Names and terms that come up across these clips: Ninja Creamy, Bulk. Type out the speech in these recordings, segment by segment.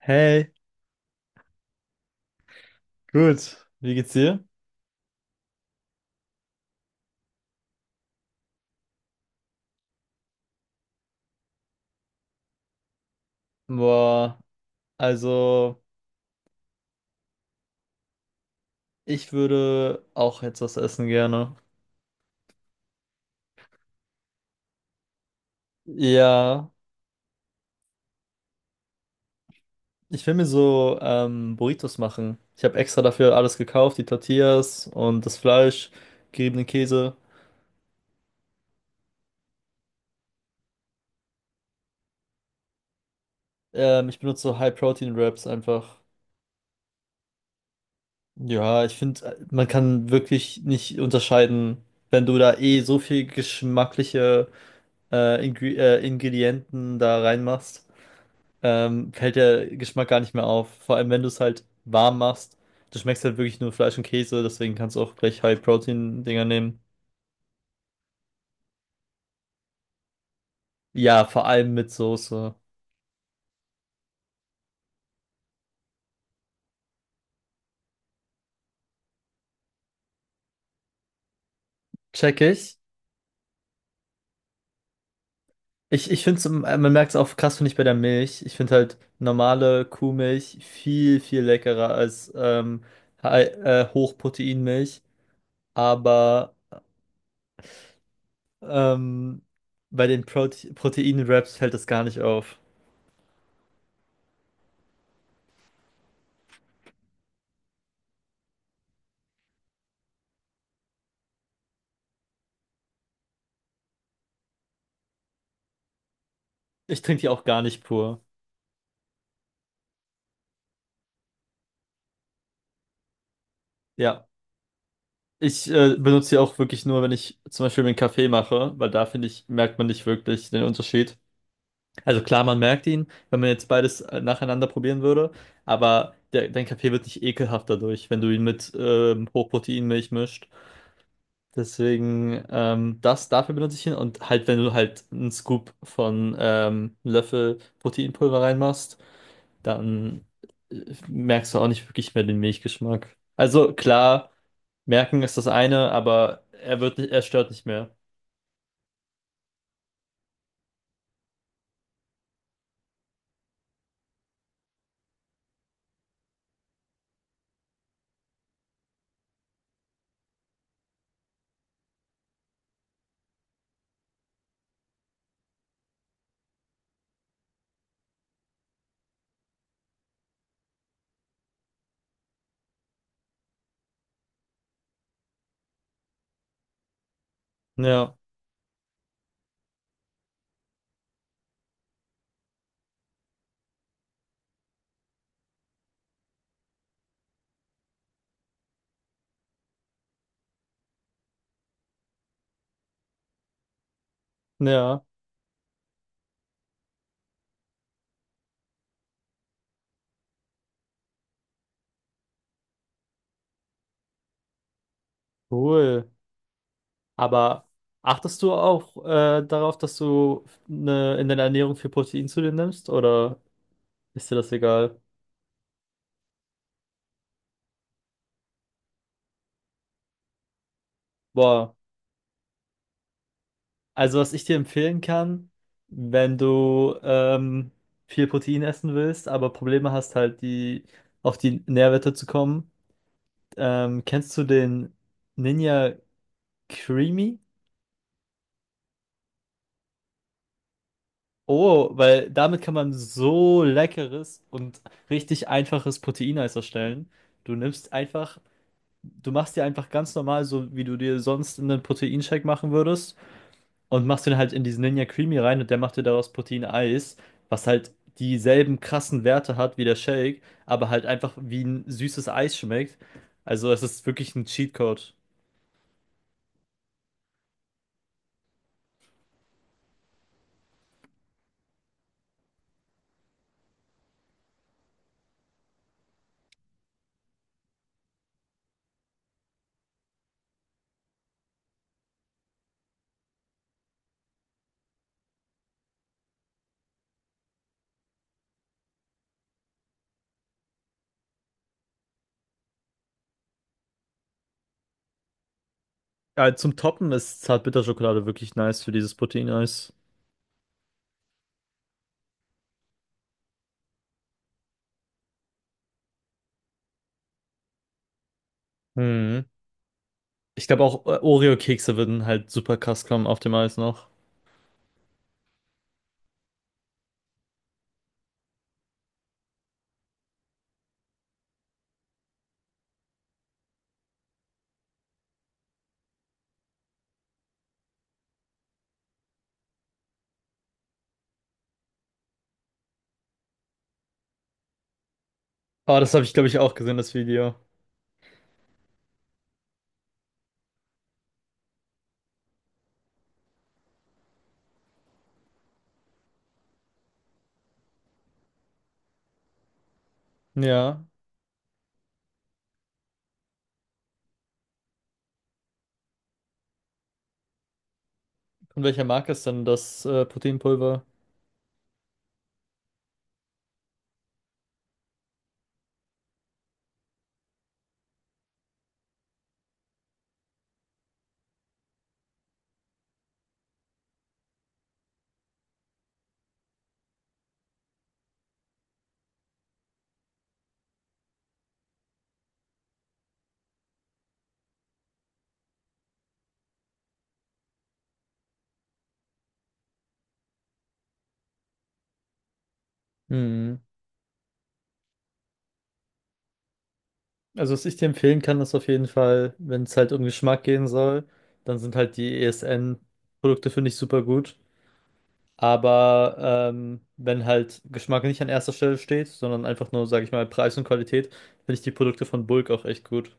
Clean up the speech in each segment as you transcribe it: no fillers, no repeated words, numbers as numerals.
Hey, gut. Wie geht's dir? Boah, also ich würde auch jetzt was essen gerne. Ja, ich will mir so Burritos machen. Ich habe extra dafür alles gekauft, die Tortillas und das Fleisch, geriebenen Käse. Ich benutze so High-Protein-Wraps einfach. Ja, ich finde, man kann wirklich nicht unterscheiden, wenn du da eh so viel geschmackliche Ingredienten da reinmachst. Fällt der Geschmack gar nicht mehr auf. Vor allem, wenn du es halt warm machst, du schmeckst halt wirklich nur Fleisch und Käse, deswegen kannst du auch gleich High-Protein-Dinger nehmen. Ja, vor allem mit Soße. Check ich. Ich finde es, man merkt es auch krass, finde ich, bei der Milch. Ich finde halt normale Kuhmilch viel, viel leckerer als Hochproteinmilch. Aber ähm, bei den Protein-Wraps fällt das gar nicht auf. Ich trinke die auch gar nicht pur. Ja. Ich benutze die auch wirklich nur, wenn ich zum Beispiel mir einen Kaffee mache, weil da finde ich, merkt man nicht wirklich den Unterschied. Also klar, man merkt ihn, wenn man jetzt beides nacheinander probieren würde, aber der, dein Kaffee wird nicht ekelhaft dadurch, wenn du ihn mit Hochproteinmilch mischt. Deswegen, das, dafür benutze ich ihn und halt, wenn du halt einen Scoop von einem Löffel Proteinpulver reinmachst, dann merkst du auch nicht wirklich mehr den Milchgeschmack. Also klar. Merken ist das eine, aber er wird nicht, er stört nicht mehr. Ja, ja, cool. Aber achtest du auch darauf, dass du in deiner Ernährung viel Protein zu dir nimmst oder ist dir das egal? Boah, also was ich dir empfehlen kann, wenn du viel Protein essen willst, aber Probleme hast halt die auf die Nährwerte zu kommen, kennst du den Ninja Creamy? Oh, weil damit kann man so leckeres und richtig einfaches Proteineis erstellen. Du nimmst einfach, du machst dir einfach ganz normal, so wie du dir sonst einen Proteinshake machen würdest, und machst den halt in diesen Ninja Creamy rein und der macht dir daraus Proteineis, was halt dieselben krassen Werte hat wie der Shake, aber halt einfach wie ein süßes Eis schmeckt. Also es ist wirklich ein Cheatcode. Ja, zum Toppen ist Zartbitterschokolade wirklich nice für dieses Proteineis. Mhm. Ich glaube auch Oreo-Kekse würden halt super krass kommen auf dem Eis noch. Oh, das habe ich, glaube ich, auch gesehen, das Video. Ja. Von welcher Marke ist denn das Proteinpulver? Hm. Also, was ich dir empfehlen kann, ist auf jeden Fall, wenn es halt um Geschmack gehen soll, dann sind halt die ESN-Produkte, finde ich, super gut. Aber wenn halt Geschmack nicht an erster Stelle steht, sondern einfach nur, sage ich mal, Preis und Qualität, finde ich die Produkte von Bulk auch echt gut.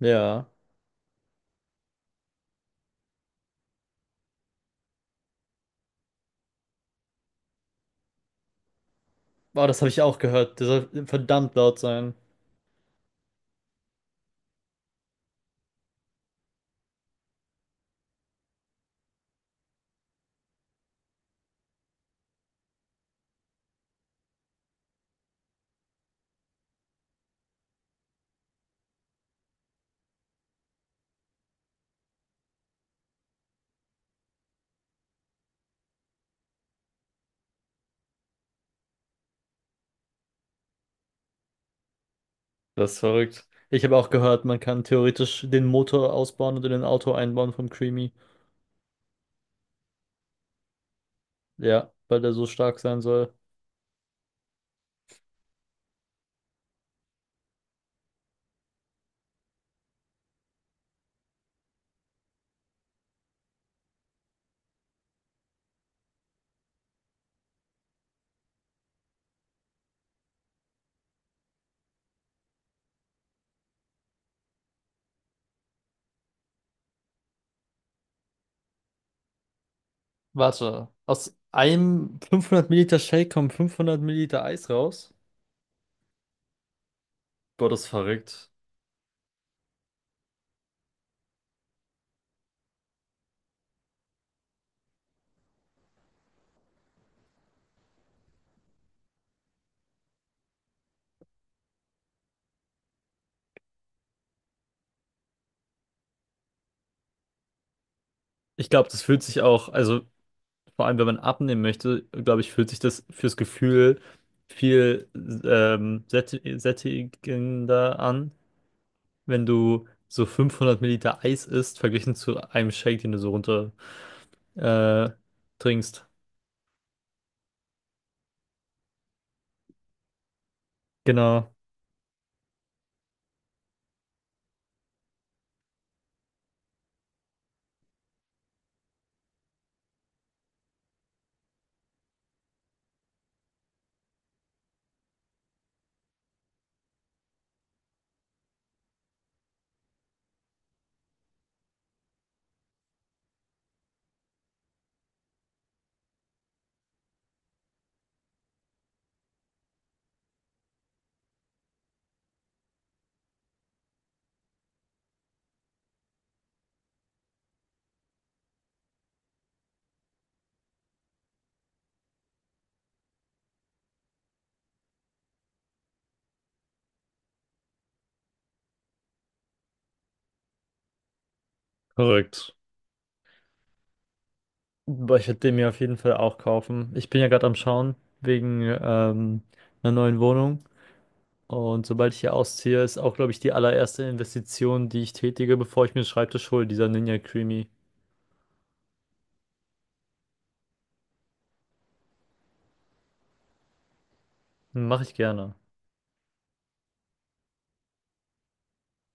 Ja. Oh, das habe ich auch gehört. Der soll verdammt laut sein. Das ist verrückt. Ich habe auch gehört, man kann theoretisch den Motor ausbauen und in ein Auto einbauen vom Creamy. Ja, weil der so stark sein soll. Warte, aus einem 500 Milliliter Shake kommen 500 Milliliter Eis raus? Gott, das ist verrückt. Ich glaube, das fühlt sich auch, also vor allem, wenn man abnehmen möchte, glaube ich, fühlt sich das fürs Gefühl viel sättigender an, wenn du so 500 Milliliter Eis isst, verglichen zu einem Shake, den du so runter äh, trinkst. Genau. Korrekt. Boah, ich werde den mir auf jeden Fall auch kaufen. Ich bin ja gerade am Schauen wegen einer neuen Wohnung. Und sobald ich hier ausziehe, ist auch, glaube ich, die allererste Investition, die ich tätige, bevor ich mir einen Schreibtisch hole, dieser Ninja Creamy. Mache ich gerne.